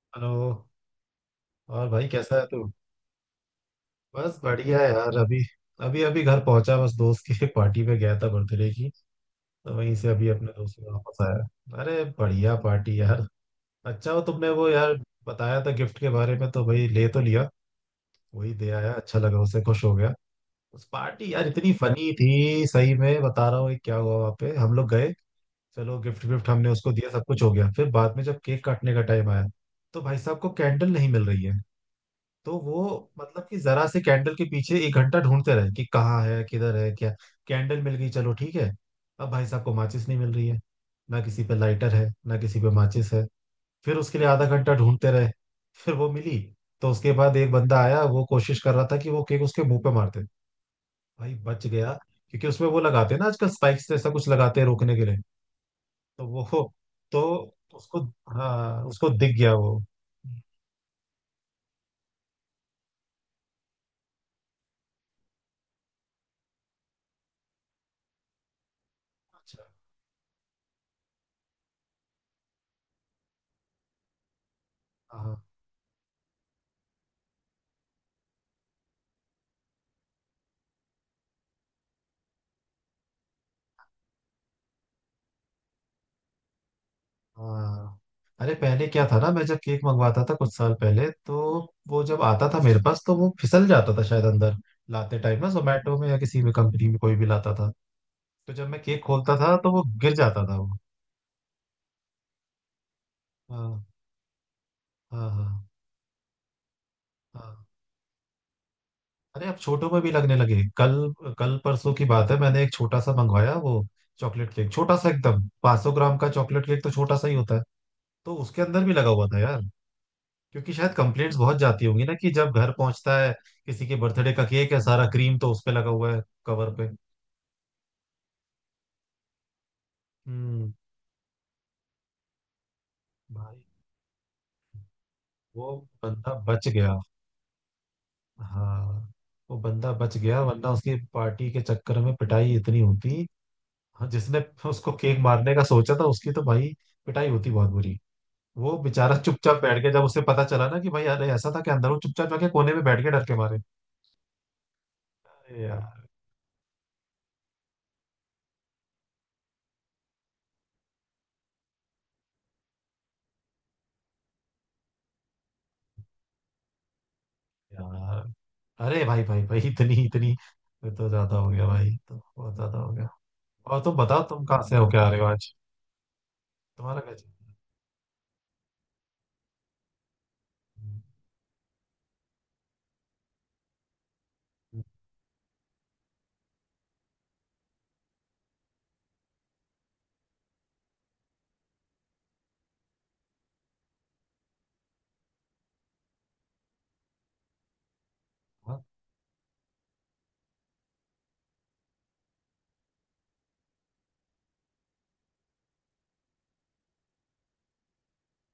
Hello. और भाई कैसा है तू? बस बढ़िया है यार। अभी अभी अभी घर पहुंचा, बस दोस्त की पार्टी पे गया था, बर्थडे की। तो वहीं से अभी अपने दोस्त के वापस आया। अरे बढ़िया पार्टी यार। अच्छा, हो तुमने वो यार बताया था गिफ्ट के बारे में, तो भाई ले तो लिया। वही दे आया, अच्छा लगा उसे, खुश हो गया। उस पार्टी यार इतनी फनी थी, सही में बता रहा हूँ। एक क्या हुआ वहाँ पे, हम लोग गए, चलो गिफ्ट विफ्ट हमने उसको दिया, सब कुछ हो गया। फिर बाद में जब केक काटने का टाइम आया तो भाई साहब को कैंडल नहीं मिल रही है। तो वो मतलब कि जरा से कैंडल के पीछे एक घंटा ढूंढते रहे कि कहाँ है किधर है क्या। कैंडल मिल गई, चलो ठीक है। अब भाई साहब को माचिस नहीं मिल रही है। ना किसी पे लाइटर है ना किसी पे माचिस है। फिर उसके लिए आधा घंटा ढूंढते रहे, फिर वो मिली। तो उसके बाद एक बंदा आया, वो कोशिश कर रहा था कि वो केक उसके मुंह पे मारते। भाई बच गया क्योंकि उसमें वो लगाते हैं ना आजकल, स्पाइक्स जैसा कुछ लगाते हैं रोकने के लिए। तो वो, तो उसको, हाँ उसको दिख गया वो। अच्छा। हाँ। हाँ, अरे पहले क्या था ना, मैं जब केक मंगवाता था कुछ साल पहले, तो वो जब आता था मेरे पास तो वो फिसल जाता था शायद अंदर लाते टाइम ना, जोमेटो में या किसी भी कंपनी में कोई भी लाता था। तो जब मैं केक खोलता था तो वो गिर जाता था वो। हाँ हाँ हाँ हाँ। अरे अब छोटों में भी लगने लगे। कल, कल परसों की बात है, मैंने एक छोटा सा मंगवाया वो चॉकलेट केक, छोटा सा एकदम 500 ग्राम का। चॉकलेट केक तो छोटा सा ही होता है। तो उसके अंदर भी लगा हुआ था यार। क्योंकि शायद कंप्लेंट्स बहुत जाती होंगी ना कि जब घर पहुंचता है किसी के बर्थडे का केक है, सारा क्रीम तो उस पे लगा हुआ है, कवर पे। हम्म। भाई, वो बंदा बच गया। हाँ, वो बंदा बच गया, वरना उसकी पार्टी के चक्कर में पिटाई इतनी होती। हाँ, जिसने उसको केक मारने का सोचा था, उसकी तो भाई पिटाई होती बहुत बुरी। वो बेचारा चुपचाप बैठ गया जब उसे पता चला ना कि भाई, अरे ऐसा था कि अंदर वो चुपचाप जाके कोने में बैठ के, डर के मारे। अरे यार, यार, अरे भाई भाई भाई, इतनी इतनी ये तो ज्यादा हो गया भाई, तो बहुत ज्यादा हो गया। और तुम बताओ, तुम कहाँ से होके आ रहे हो आज? तुम्हारा क्या चल रहा है?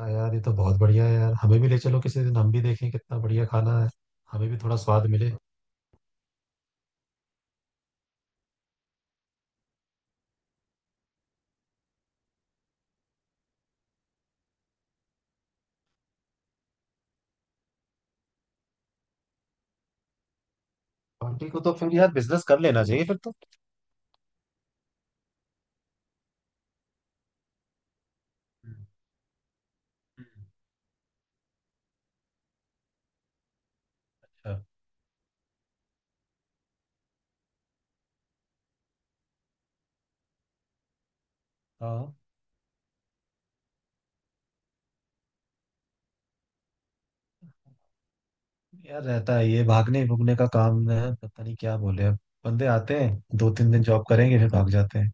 हाँ यार, ये तो बहुत बढ़िया है यार, हमें भी ले चलो किसी दिन, हम भी देखें कितना बढ़िया खाना है। हमें भी थोड़ा स्वाद मिले। आंटी को तो फिर यार बिजनेस कर लेना चाहिए फिर तो। हम्म, हम्म। अच्छा। हाँ यार, रहता है ये भागने भुगने का काम है, पता नहीं क्या बोले अब। बंदे आते हैं, दो तीन दिन जॉब करेंगे फिर भाग जाते हैं।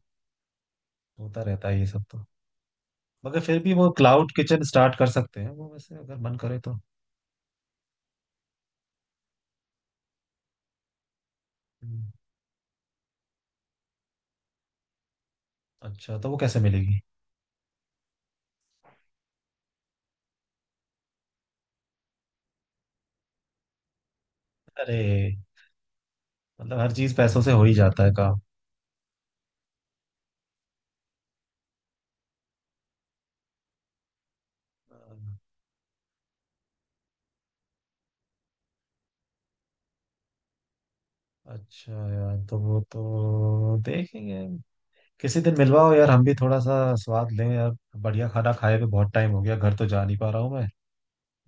होता रहता है ये सब तो। मगर फिर भी वो क्लाउड किचन स्टार्ट कर सकते हैं वो, वैसे अगर मन करे तो। हम्म, अच्छा तो वो कैसे मिलेगी? अरे, मतलब हर चीज पैसों से हो ही जाता है काम। अच्छा यार, तो वो तो देखेंगे। किसी दिन मिलवाओ यार, हम भी थोड़ा सा स्वाद लें यार। बढ़िया खाना खाए हुए बहुत टाइम हो गया, घर तो जा नहीं पा रहा हूँ मैं।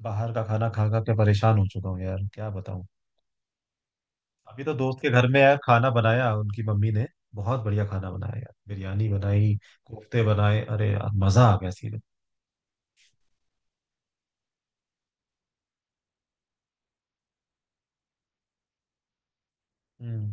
बाहर का खाना खा खा के परेशान हो चुका हूँ यार, क्या बताऊँ। अभी तो दोस्त के घर में यार खाना बनाया उनकी मम्मी ने। बहुत बढ़िया खाना बनाया यार, बिरयानी बनाई, कोफ्ते बनाए, अरे यार मजा आ गया सीधे। हम्म।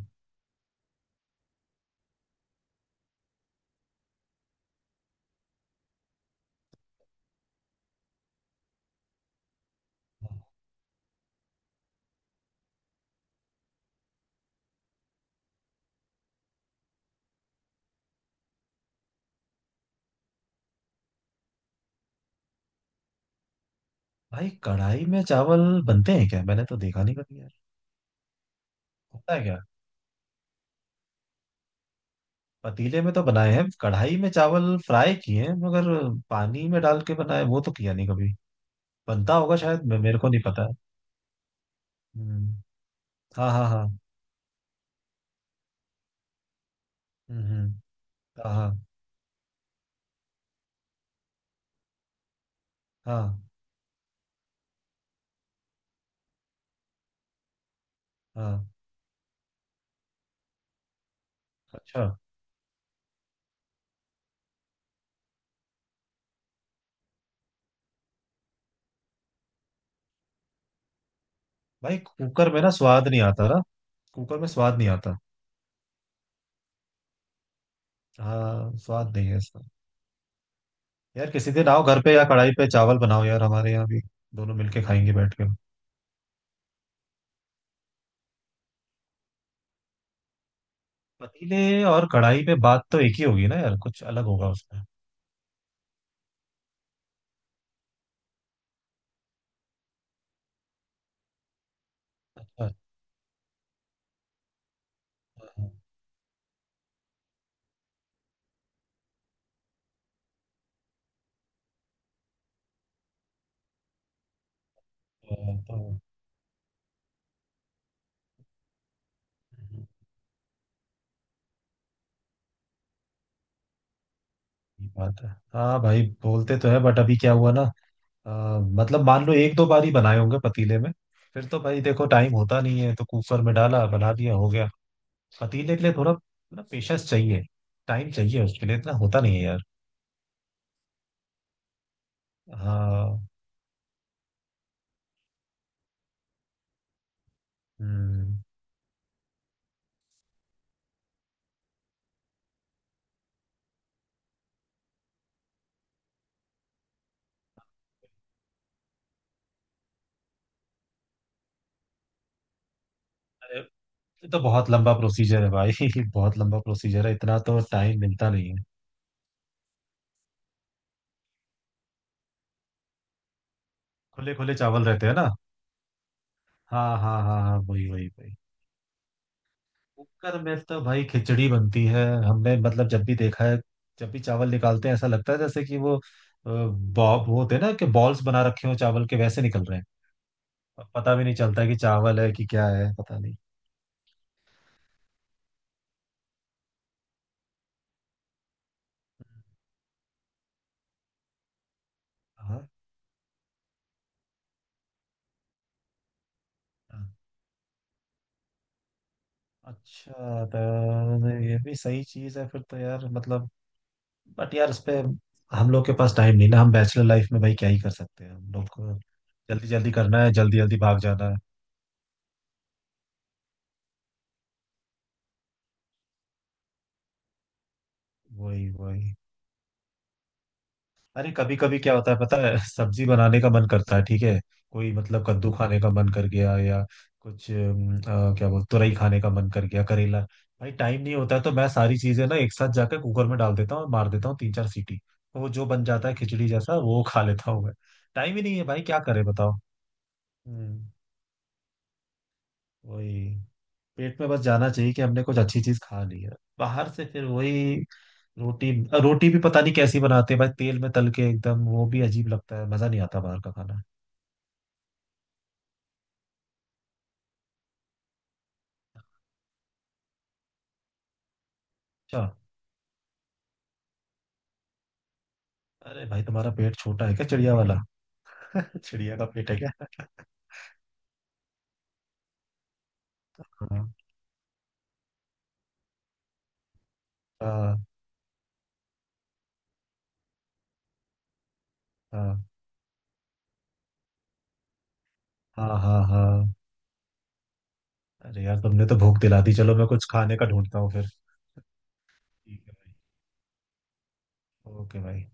भाई कढ़ाई में चावल बनते हैं क्या? मैंने तो देखा नहीं कभी यार। होता है क्या? पतीले में तो बनाए हैं, कढ़ाई में चावल फ्राई किए हैं, मगर पानी में डाल के बनाए वो तो किया नहीं कभी। बनता होगा शायद, मेरे को नहीं पता है। हम्म, हाँ हाँ हाँ। हम्म हम्म, हाँ हाँ हाँ हाँ। अच्छा। भाई कुकर में ना स्वाद नहीं आता ना, कुकर में स्वाद नहीं आता। हाँ, स्वाद नहीं है इसका। यार किसी दिन आओ घर पे या कढ़ाई पे चावल बनाओ यार हमारे यहाँ भी, दोनों मिलके खाएंगे बैठ के। पतीले और कढ़ाई पे बात तो एक ही होगी ना यार, कुछ अलग होगा उसमें। अच्छा। अच्छा, हाँ, तो ये बात है। हाँ भाई, बोलते तो है बट अभी क्या हुआ ना, मतलब मान लो एक दो बार ही बनाए होंगे पतीले में, फिर तो भाई देखो टाइम होता नहीं है तो कुकर में डाला, बना दिया, हो गया। पतीले के लिए थोड़ा ना पेशेंस चाहिए, टाइम चाहिए उसके लिए, इतना होता नहीं है यार। हाँ। हम्म। अरे ये तो बहुत लंबा प्रोसीजर है भाई। बहुत लंबा प्रोसीजर है, इतना तो टाइम मिलता नहीं है। खुले खुले चावल रहते हैं ना। हाँ हाँ हाँ हाँ, वही वही वही। कुकर में तो भाई खिचड़ी बनती है हमने, मतलब जब भी देखा है, जब भी चावल निकालते हैं ऐसा लगता है जैसे कि वो बॉ, वो होते हैं ना कि बॉल्स बना रखे हो चावल के, वैसे निकल रहे हैं। अब पता भी नहीं चलता है कि चावल है कि क्या है, पता नहीं। हाँ। हाँ। अच्छा, तो ये भी सही चीज है फिर तो यार मतलब। बट यार इस पे हम लोग के पास टाइम नहीं ना, हम बैचलर लाइफ में भाई क्या ही कर सकते हैं, हम लोग को जल्दी जल्दी करना है, जल्दी जल्दी भाग जाना है। वही वही। अरे कभी कभी क्या होता है पता है, सब्जी बनाने का मन करता है ठीक है, कोई मतलब कद्दू खाने का मन कर गया या कुछ क्या बोल, तुरई खाने का मन कर गया, करेला। भाई टाइम नहीं होता है तो मैं सारी चीजें ना एक साथ जाकर कुकर में डाल देता हूँ और मार देता हूँ तीन चार सीटी, तो वो जो बन जाता है खिचड़ी जैसा, वो खा लेता हूँ मैं। टाइम ही नहीं है भाई, क्या करे बताओ। हम्म, वही। पेट में बस जाना चाहिए कि हमने कुछ अच्छी चीज खा ली है। बाहर से फिर वही रोटी। रोटी भी पता नहीं कैसी बनाते हैं भाई, तेल में तल के एकदम, वो भी अजीब लगता है, मजा नहीं आता बाहर का खाना। अच्छा। अरे भाई तुम्हारा पेट छोटा है क्या, चिड़िया वाला? चिड़िया का पेट है क्या? हाँ। हाँ हाँ हाँ हाँ हाँ। अरे यार तुमने तो भूख दिला दी, चलो मैं कुछ खाने का ढूंढता हूँ फिर। ठीक है भाई। ओके भाई।